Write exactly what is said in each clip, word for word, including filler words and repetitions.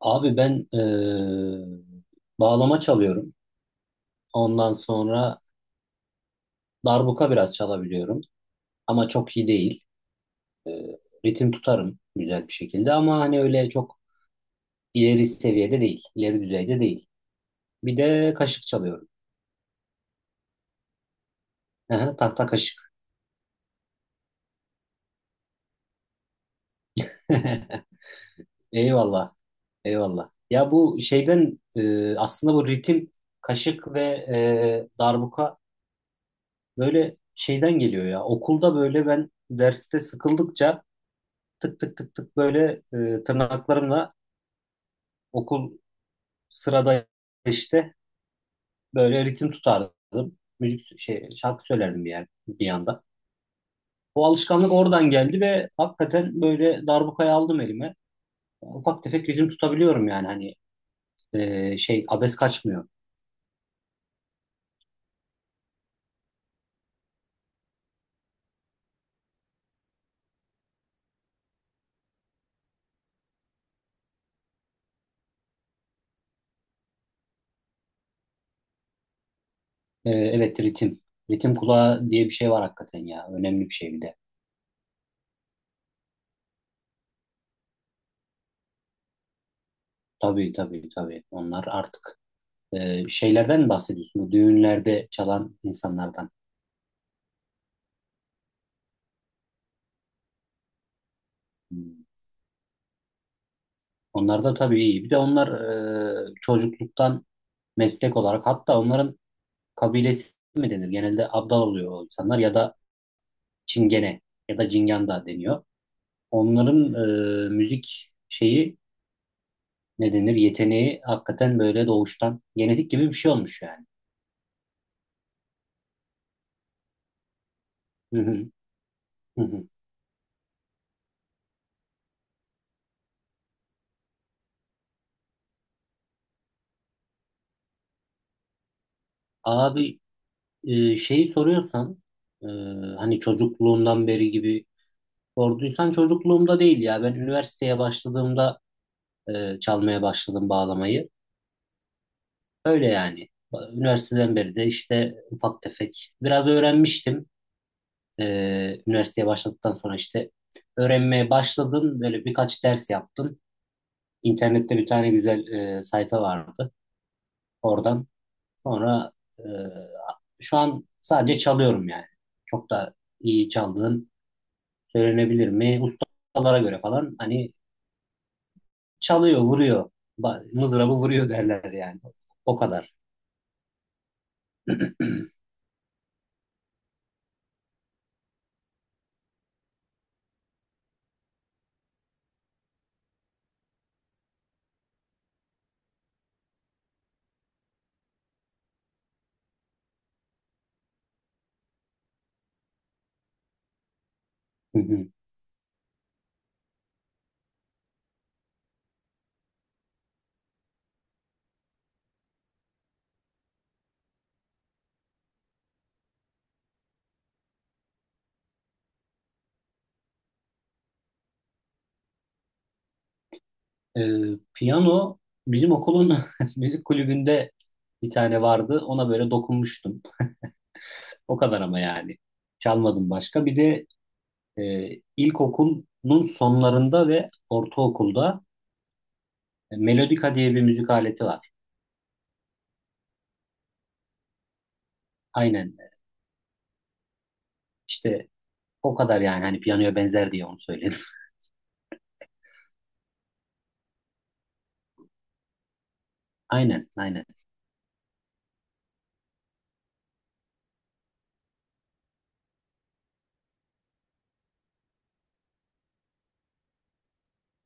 Abi ben e, bağlama çalıyorum. Ondan sonra darbuka biraz çalabiliyorum. Ama çok iyi değil. E, ritim tutarım güzel bir şekilde ama hani öyle çok ileri seviyede değil. İleri düzeyde değil. Bir de kaşık çalıyorum. Aha, tahta kaşık. Eyvallah. Eyvallah. Ya bu şeyden e, aslında bu ritim kaşık ve e, darbuka böyle şeyden geliyor ya. Okulda böyle ben derste sıkıldıkça tık tık tık tık böyle e, tırnaklarımla okul sırada işte böyle ritim tutardım. Müzik şey şarkı söylerdim bir yer bir yanda. Bu alışkanlık oradan geldi ve hakikaten böyle darbukayı aldım elime. Ufak tefek ritim tutabiliyorum yani hani e, şey abes kaçmıyor. E, evet ritim. Ritim kulağı diye bir şey var hakikaten ya. Önemli bir şey bir de. Tabii tabii tabii. Onlar artık e, şeylerden mi bahsediyorsun? Bu düğünlerde çalan insanlardan. Hmm. Onlar da tabii iyi. Bir de onlar e, çocukluktan meslek olarak hatta onların kabilesi mi denir? Genelde abdal oluyor o insanlar ya da çingene ya da cingan da deniyor. Onların e, müzik şeyi ne denir? Yeteneği hakikaten böyle doğuştan genetik gibi bir şey olmuş yani. Hı hı, hı hı. Abi e, şeyi soruyorsan e, hani çocukluğundan beri gibi sorduysan çocukluğumda değil ya. Ben üniversiteye başladığımda e, çalmaya başladım bağlamayı. Öyle yani. Üniversiteden beri de işte ufak tefek biraz öğrenmiştim. Ee, üniversiteye başladıktan sonra işte öğrenmeye başladım. Böyle birkaç ders yaptım. İnternette bir tane güzel e, sayfa vardı. Oradan sonra e, şu an sadece çalıyorum yani. Çok da iyi çaldığım söylenebilir mi? Ustalara göre falan hani çalıyor, vuruyor. Ba- Mızrabı vuruyor derler yani. O kadar. Ee, piyano bizim okulun müzik kulübünde bir tane vardı. Ona böyle dokunmuştum. O kadar ama yani. Çalmadım başka. Bir de e, ilkokulun sonlarında ve ortaokulda e, melodika diye bir müzik aleti var. Aynen. İşte o kadar yani. Hani piyanoya benzer diye onu söyledim. Aynen, aynen.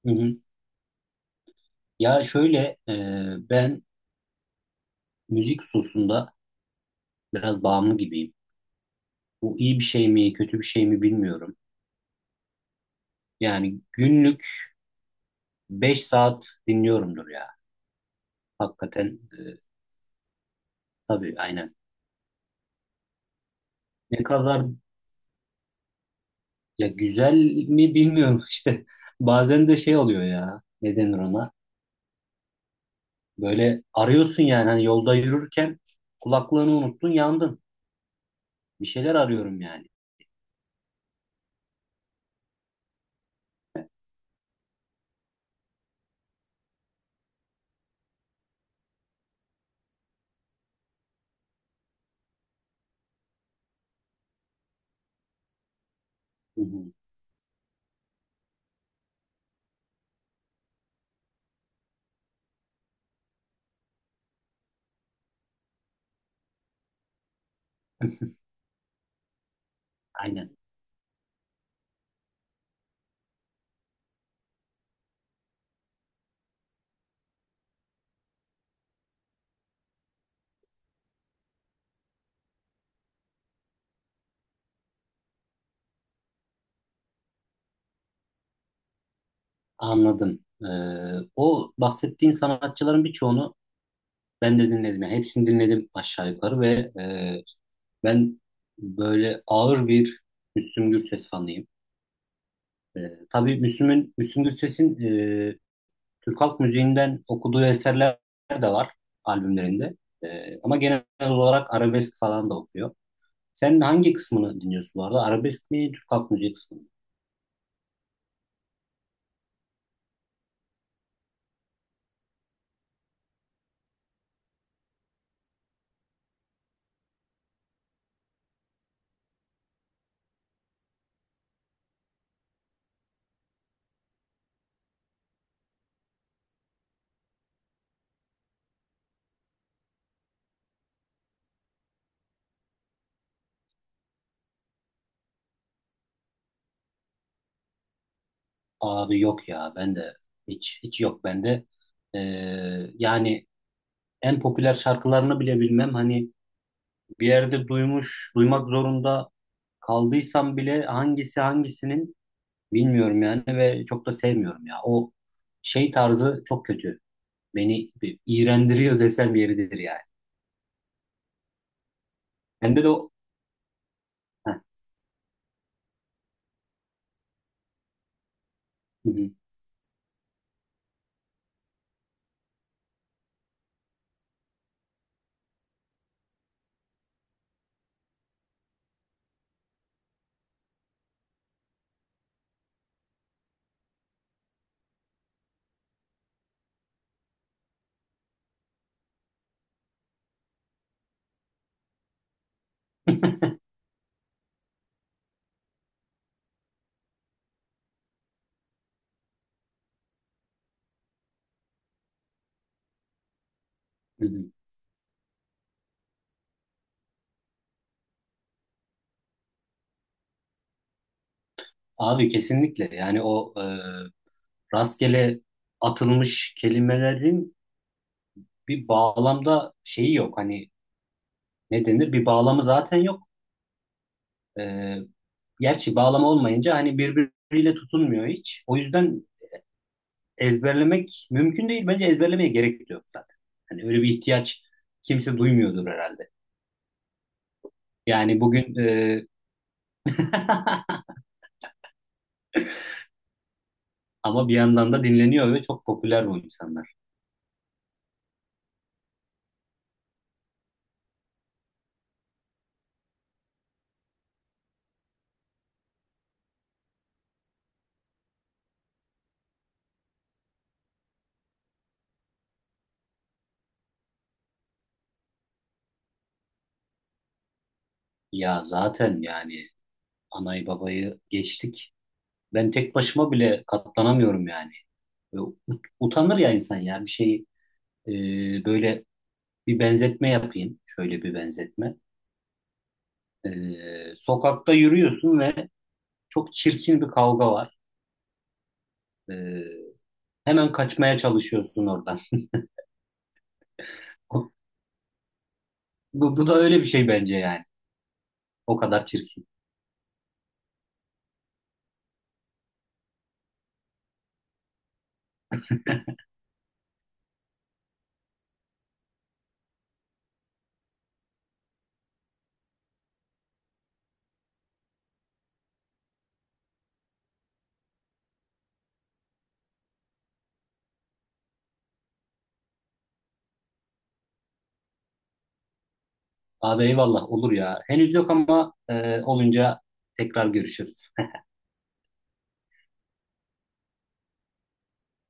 Hı hı. Ya şöyle e, ben müzik hususunda biraz bağımlı gibiyim. Bu iyi bir şey mi, kötü bir şey mi bilmiyorum. Yani günlük beş saat dinliyorumdur ya. Hakikaten e, tabii aynen. Ne kadar ya güzel mi bilmiyorum işte. Bazen de şey oluyor ya. Ne denir ona? Böyle arıyorsun yani hani yolda yürürken kulaklığını unuttun yandın. Bir şeyler arıyorum yani. Hı hı. Aynen. Anladım. Ee, o bahsettiğin sanatçıların birçoğunu ben de dinledim. Yani hepsini dinledim aşağı yukarı ve e, ben böyle ağır bir Müslüm Gürses fanıyım. E, tabii Müslüm'ün, Müslüm Gürses'in e, Türk halk müziğinden okuduğu eserler de var albümlerinde. E, ama genel olarak arabesk falan da okuyor. Sen hangi kısmını dinliyorsun bu arada? Arabesk mi, Türk halk müziği kısmı mı? Abi yok ya, ben de hiç hiç yok bende. E, yani en popüler şarkılarını bile bilmem. Hani bir yerde duymuş, duymak zorunda kaldıysam bile hangisi hangisinin bilmiyorum yani ve çok da sevmiyorum ya. O şey tarzı çok kötü. Beni bir iğrendiriyor desem yeridir yani. Bende de o... Heh, hı hı, hı hı. Abi kesinlikle yani o e, rastgele atılmış kelimelerin bir bağlamda şeyi yok. Hani ne denir? Bir bağlamı zaten yok. E, gerçi bağlama olmayınca hani birbiriyle tutunmuyor hiç. O yüzden ezberlemek mümkün değil. Bence ezberlemeye gerek de yok zaten. Hani öyle bir ihtiyaç kimse duymuyordur herhalde. Yani bugün e, ama bir yandan da dinleniyor ve çok popüler bu insanlar. Ya zaten yani anayı babayı geçtik. Ben tek başıma bile katlanamıyorum yani. Ve ut- utanır ya insan ya bir şey e, böyle bir benzetme yapayım. Şöyle bir benzetme. E, sokakta yürüyorsun ve çok çirkin bir kavga var. E, hemen kaçmaya çalışıyorsun oradan. Bu, bu da öyle bir şey bence yani. O kadar çirkin. Abi eyvallah olur ya. Henüz yok ama e, olunca tekrar görüşürüz.